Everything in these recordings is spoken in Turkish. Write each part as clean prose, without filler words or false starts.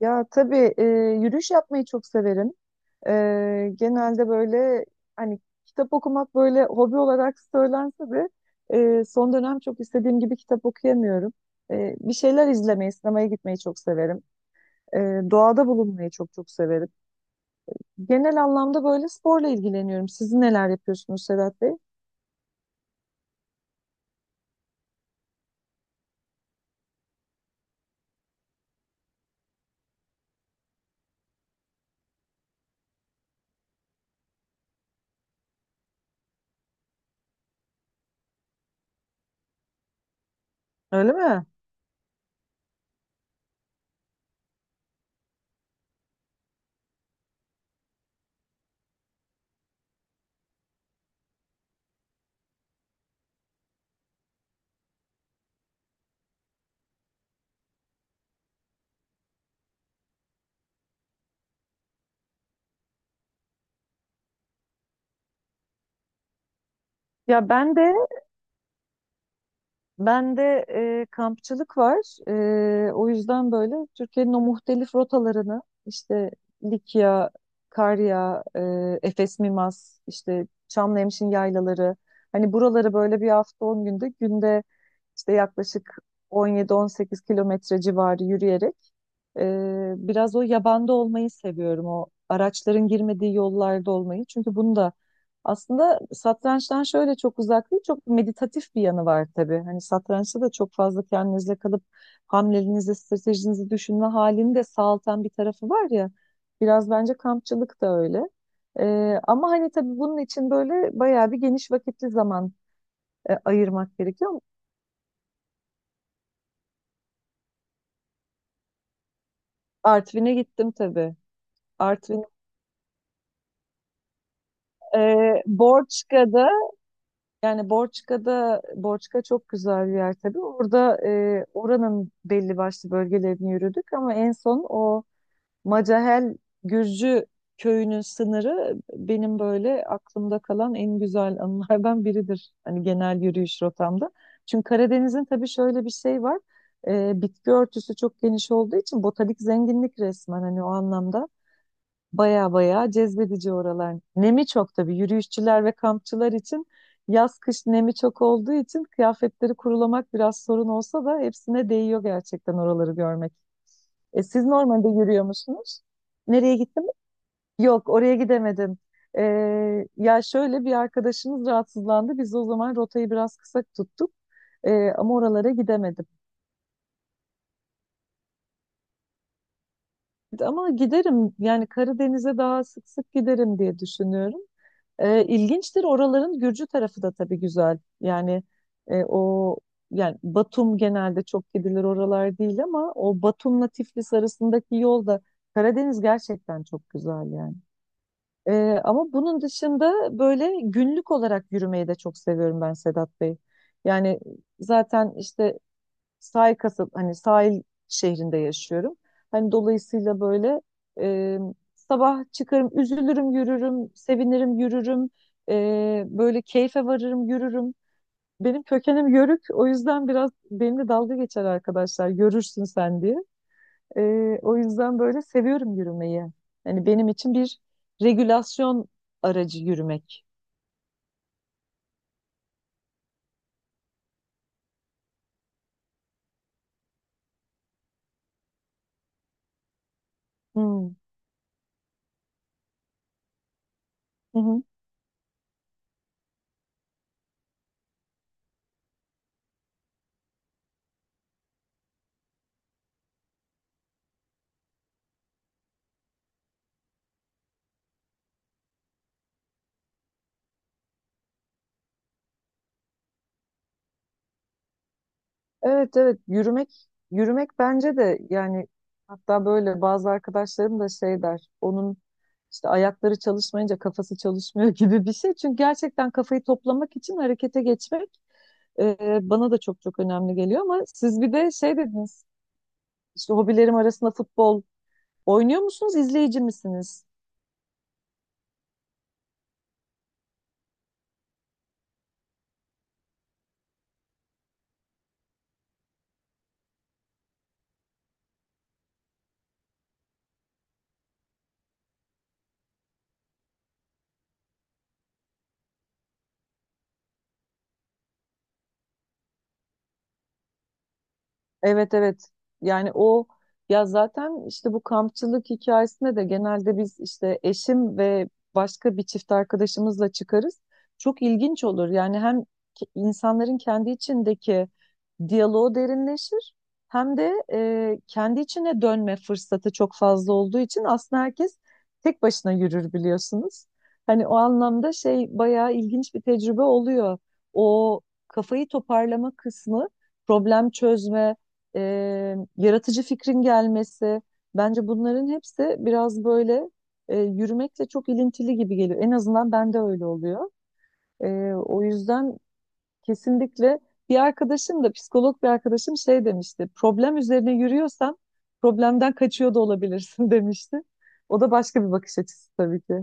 Ya tabii e, Yürüyüş yapmayı çok severim. Genelde böyle hani kitap okumak böyle hobi olarak söylense de son dönem çok istediğim gibi kitap okuyamıyorum. Bir şeyler izlemeyi, sinemaya gitmeyi çok severim. E, doğada bulunmayı çok çok severim. Genel anlamda böyle sporla ilgileniyorum. Siz neler yapıyorsunuz Sedat Bey? Öyle mi? Ya ben de Bende kampçılık var. O yüzden böyle Türkiye'nin o muhtelif rotalarını işte Likya, Karya, Efes Mimas, işte Çamlıhemşin yaylaları. Hani buraları böyle bir hafta 10 günde işte yaklaşık 17-18 kilometre civarı yürüyerek biraz o yabanda olmayı seviyorum. O araçların girmediği yollarda olmayı. Çünkü bunu da aslında satrançtan şöyle çok uzak değil, çok meditatif bir yanı var tabii. Hani satrançta da çok fazla kendinizle kalıp hamlelerinizi, stratejinizi düşünme halini de sağaltan bir tarafı var ya. Biraz bence kampçılık da öyle. Ama hani tabii bunun için böyle bayağı bir geniş vakitli zaman ayırmak gerekiyor. Artvin'e gittim tabii. Artvin, Borçka'da. Yani Borçka'da, Borçka çok güzel bir yer tabii. Orada oranın belli başlı bölgelerini yürüdük ama en son o Macahel Gürcü köyünün sınırı benim böyle aklımda kalan en güzel anılardan biridir. Hani genel yürüyüş rotamda. Çünkü Karadeniz'in tabii şöyle bir şey var. Bitki örtüsü çok geniş olduğu için botanik zenginlik resmen hani o anlamda. Baya baya cezbedici oralar. Nemi çok tabii yürüyüşçüler ve kampçılar için yaz kış nemi çok olduğu için kıyafetleri kurulamak biraz sorun olsa da hepsine değiyor gerçekten oraları görmek. Siz normalde yürüyor musunuz? Nereye gittiniz? Yok, oraya gidemedim. E, ya şöyle bir arkadaşımız rahatsızlandı. Biz o zaman rotayı biraz kısa tuttuk. Ama oralara gidemedim. Ama giderim, yani Karadeniz'e daha sık sık giderim diye düşünüyorum. E, ilginçtir. Oraların Gürcü tarafı da tabii güzel. Yani o yani Batum genelde çok gidilir oralar değil ama o Batum'la Tiflis arasındaki yol da Karadeniz gerçekten çok güzel yani. E, ama bunun dışında böyle günlük olarak yürümeyi de çok seviyorum ben Sedat Bey. Yani zaten işte sahil hani sahil şehrinde yaşıyorum. Hani dolayısıyla böyle e, sabah çıkarım, üzülürüm, yürürüm, sevinirim, yürürüm. Böyle keyfe varırım, yürürüm. Benim kökenim Yörük. O yüzden biraz benimle dalga geçer arkadaşlar. Görürsün sen diye. E, o yüzden böyle seviyorum yürümeyi. Hani benim için bir regülasyon aracı yürümek. Hmm. Hı hı. Evet, evet, yürümek yürümek bence de, yani hatta böyle bazı arkadaşlarım da şey der onun işte ayakları çalışmayınca kafası çalışmıyor gibi bir şey. Çünkü gerçekten kafayı toplamak için harekete geçmek bana da çok çok önemli geliyor ama siz bir de şey dediniz, işte hobilerim arasında futbol oynuyor musunuz, izleyici misiniz? Evet, evet, yani o, ya zaten işte bu kampçılık hikayesinde de genelde biz işte eşim ve başka bir çift arkadaşımızla çıkarız. Çok ilginç olur yani, hem insanların kendi içindeki diyaloğu derinleşir hem de kendi içine dönme fırsatı çok fazla olduğu için aslında herkes tek başına yürür biliyorsunuz. Hani o anlamda şey bayağı ilginç bir tecrübe oluyor. O kafayı toparlama kısmı, problem çözme, yaratıcı fikrin gelmesi. Bence bunların hepsi biraz böyle yürümekle çok ilintili gibi geliyor. En azından bende öyle oluyor. O yüzden kesinlikle bir arkadaşım da, psikolog bir arkadaşım şey demişti. Problem üzerine yürüyorsan problemden kaçıyor da olabilirsin demişti. O da başka bir bakış açısı tabii ki.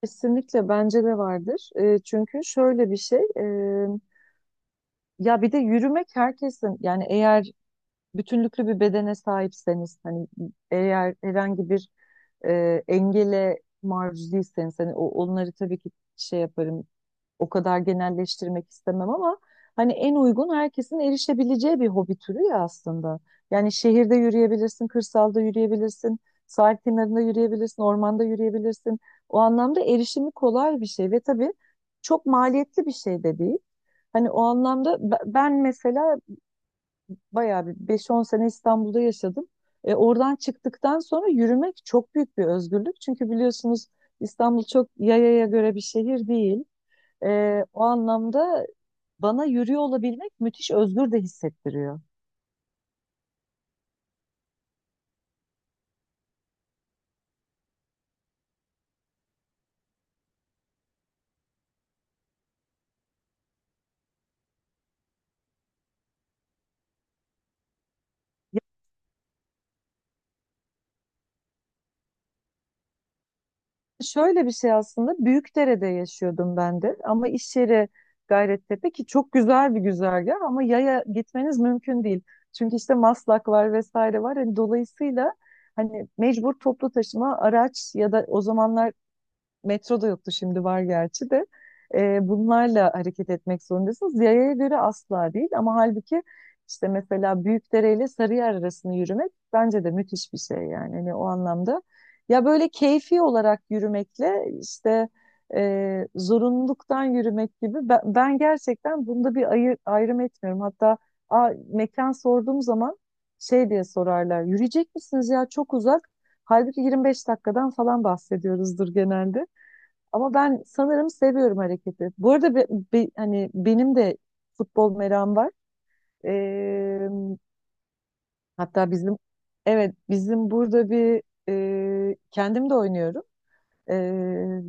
Kesinlikle bence de vardır. Çünkü şöyle bir şey, ya bir de yürümek herkesin, yani eğer bütünlüklü bir bedene sahipseniz, hani eğer herhangi bir engele maruz değilseniz, hani onları tabii ki şey yaparım, o kadar genelleştirmek istemem ama hani en uygun, herkesin erişebileceği bir hobi türü ya aslında. Yani şehirde yürüyebilirsin, kırsalda yürüyebilirsin, sahil kenarında yürüyebilirsin, ormanda yürüyebilirsin. O anlamda erişimi kolay bir şey ve tabii çok maliyetli bir şey de değil. Hani o anlamda ben mesela bayağı bir 5-10 sene İstanbul'da yaşadım. Oradan çıktıktan sonra yürümek çok büyük bir özgürlük. Çünkü biliyorsunuz İstanbul çok yayaya göre bir şehir değil. O anlamda bana yürüyor olabilmek müthiş özgür de hissettiriyor. Şöyle bir şey, aslında Büyükdere'de yaşıyordum ben de ama iş yeri Gayrettepe, ki çok güzel bir güzergah ama yaya gitmeniz mümkün değil. Çünkü işte Maslak var vesaire var. Hani dolayısıyla hani mecbur toplu taşıma araç, ya da o zamanlar Metro da yoktu, şimdi var gerçi de. Bunlarla hareket etmek zorundasınız. Yayaya göre asla değil ama halbuki işte mesela Büyükdere ile Sarıyer arasını yürümek bence de müthiş bir şey yani. Hani o anlamda ya böyle keyfi olarak yürümekle işte zorunluluktan yürümek gibi, ben gerçekten bunda bir ayrım etmiyorum. Hatta mekan sorduğum zaman şey diye sorarlar. Yürüyecek misiniz ya, çok uzak. Halbuki 25 dakikadan falan bahsediyoruzdur genelde. Ama ben sanırım seviyorum hareketi. Bu arada hani benim de futbol merakım var. Ee, hatta bizim, evet, bizim burada bir kendim de oynuyorum. Ee,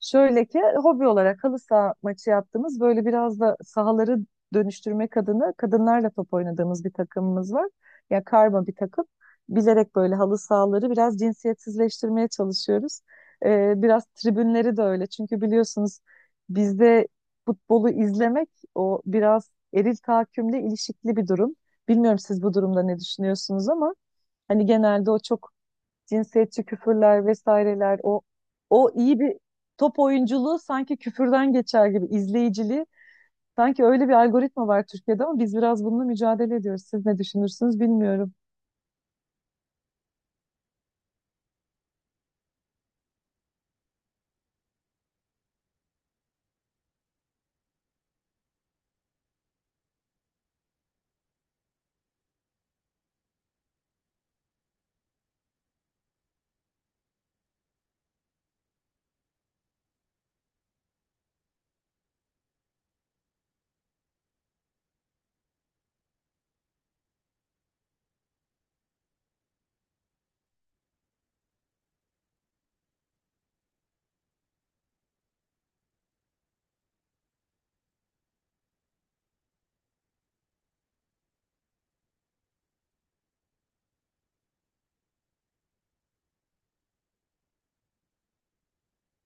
Şöyle ki, hobi olarak halı saha maçı yaptığımız, böyle biraz da sahaları dönüştürmek adına kadınlarla top oynadığımız bir takımımız var. Ya, karma bir takım. Bilerek böyle halı sahaları biraz cinsiyetsizleştirmeye çalışıyoruz. Biraz tribünleri de öyle. Çünkü biliyorsunuz bizde futbolu izlemek o biraz eril tahakkümle ilişikli bir durum. Bilmiyorum siz bu durumda ne düşünüyorsunuz ama hani genelde o çok cinsiyetçi küfürler vesaireler, o iyi bir top oyunculuğu sanki küfürden geçer gibi, izleyiciliği sanki öyle bir algoritma var Türkiye'de ama biz biraz bununla mücadele ediyoruz. Siz ne düşünürsünüz bilmiyorum.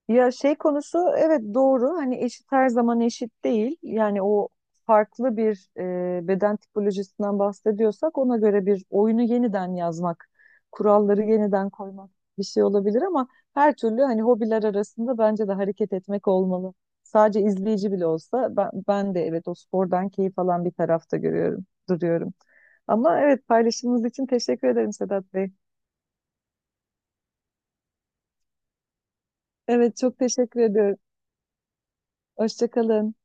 Ya, şey konusu, evet, doğru, hani eşit her zaman eşit değil yani o, farklı bir beden tipolojisinden bahsediyorsak ona göre bir oyunu yeniden yazmak, kuralları yeniden koymak bir şey olabilir ama her türlü hani hobiler arasında bence de hareket etmek olmalı. Sadece izleyici bile olsa, ben de evet o spordan keyif alan bir tarafta görüyorum, duruyorum. Ama evet, paylaşımınız için teşekkür ederim Sedat Bey. Evet, çok teşekkür ediyorum. Hoşça kalın.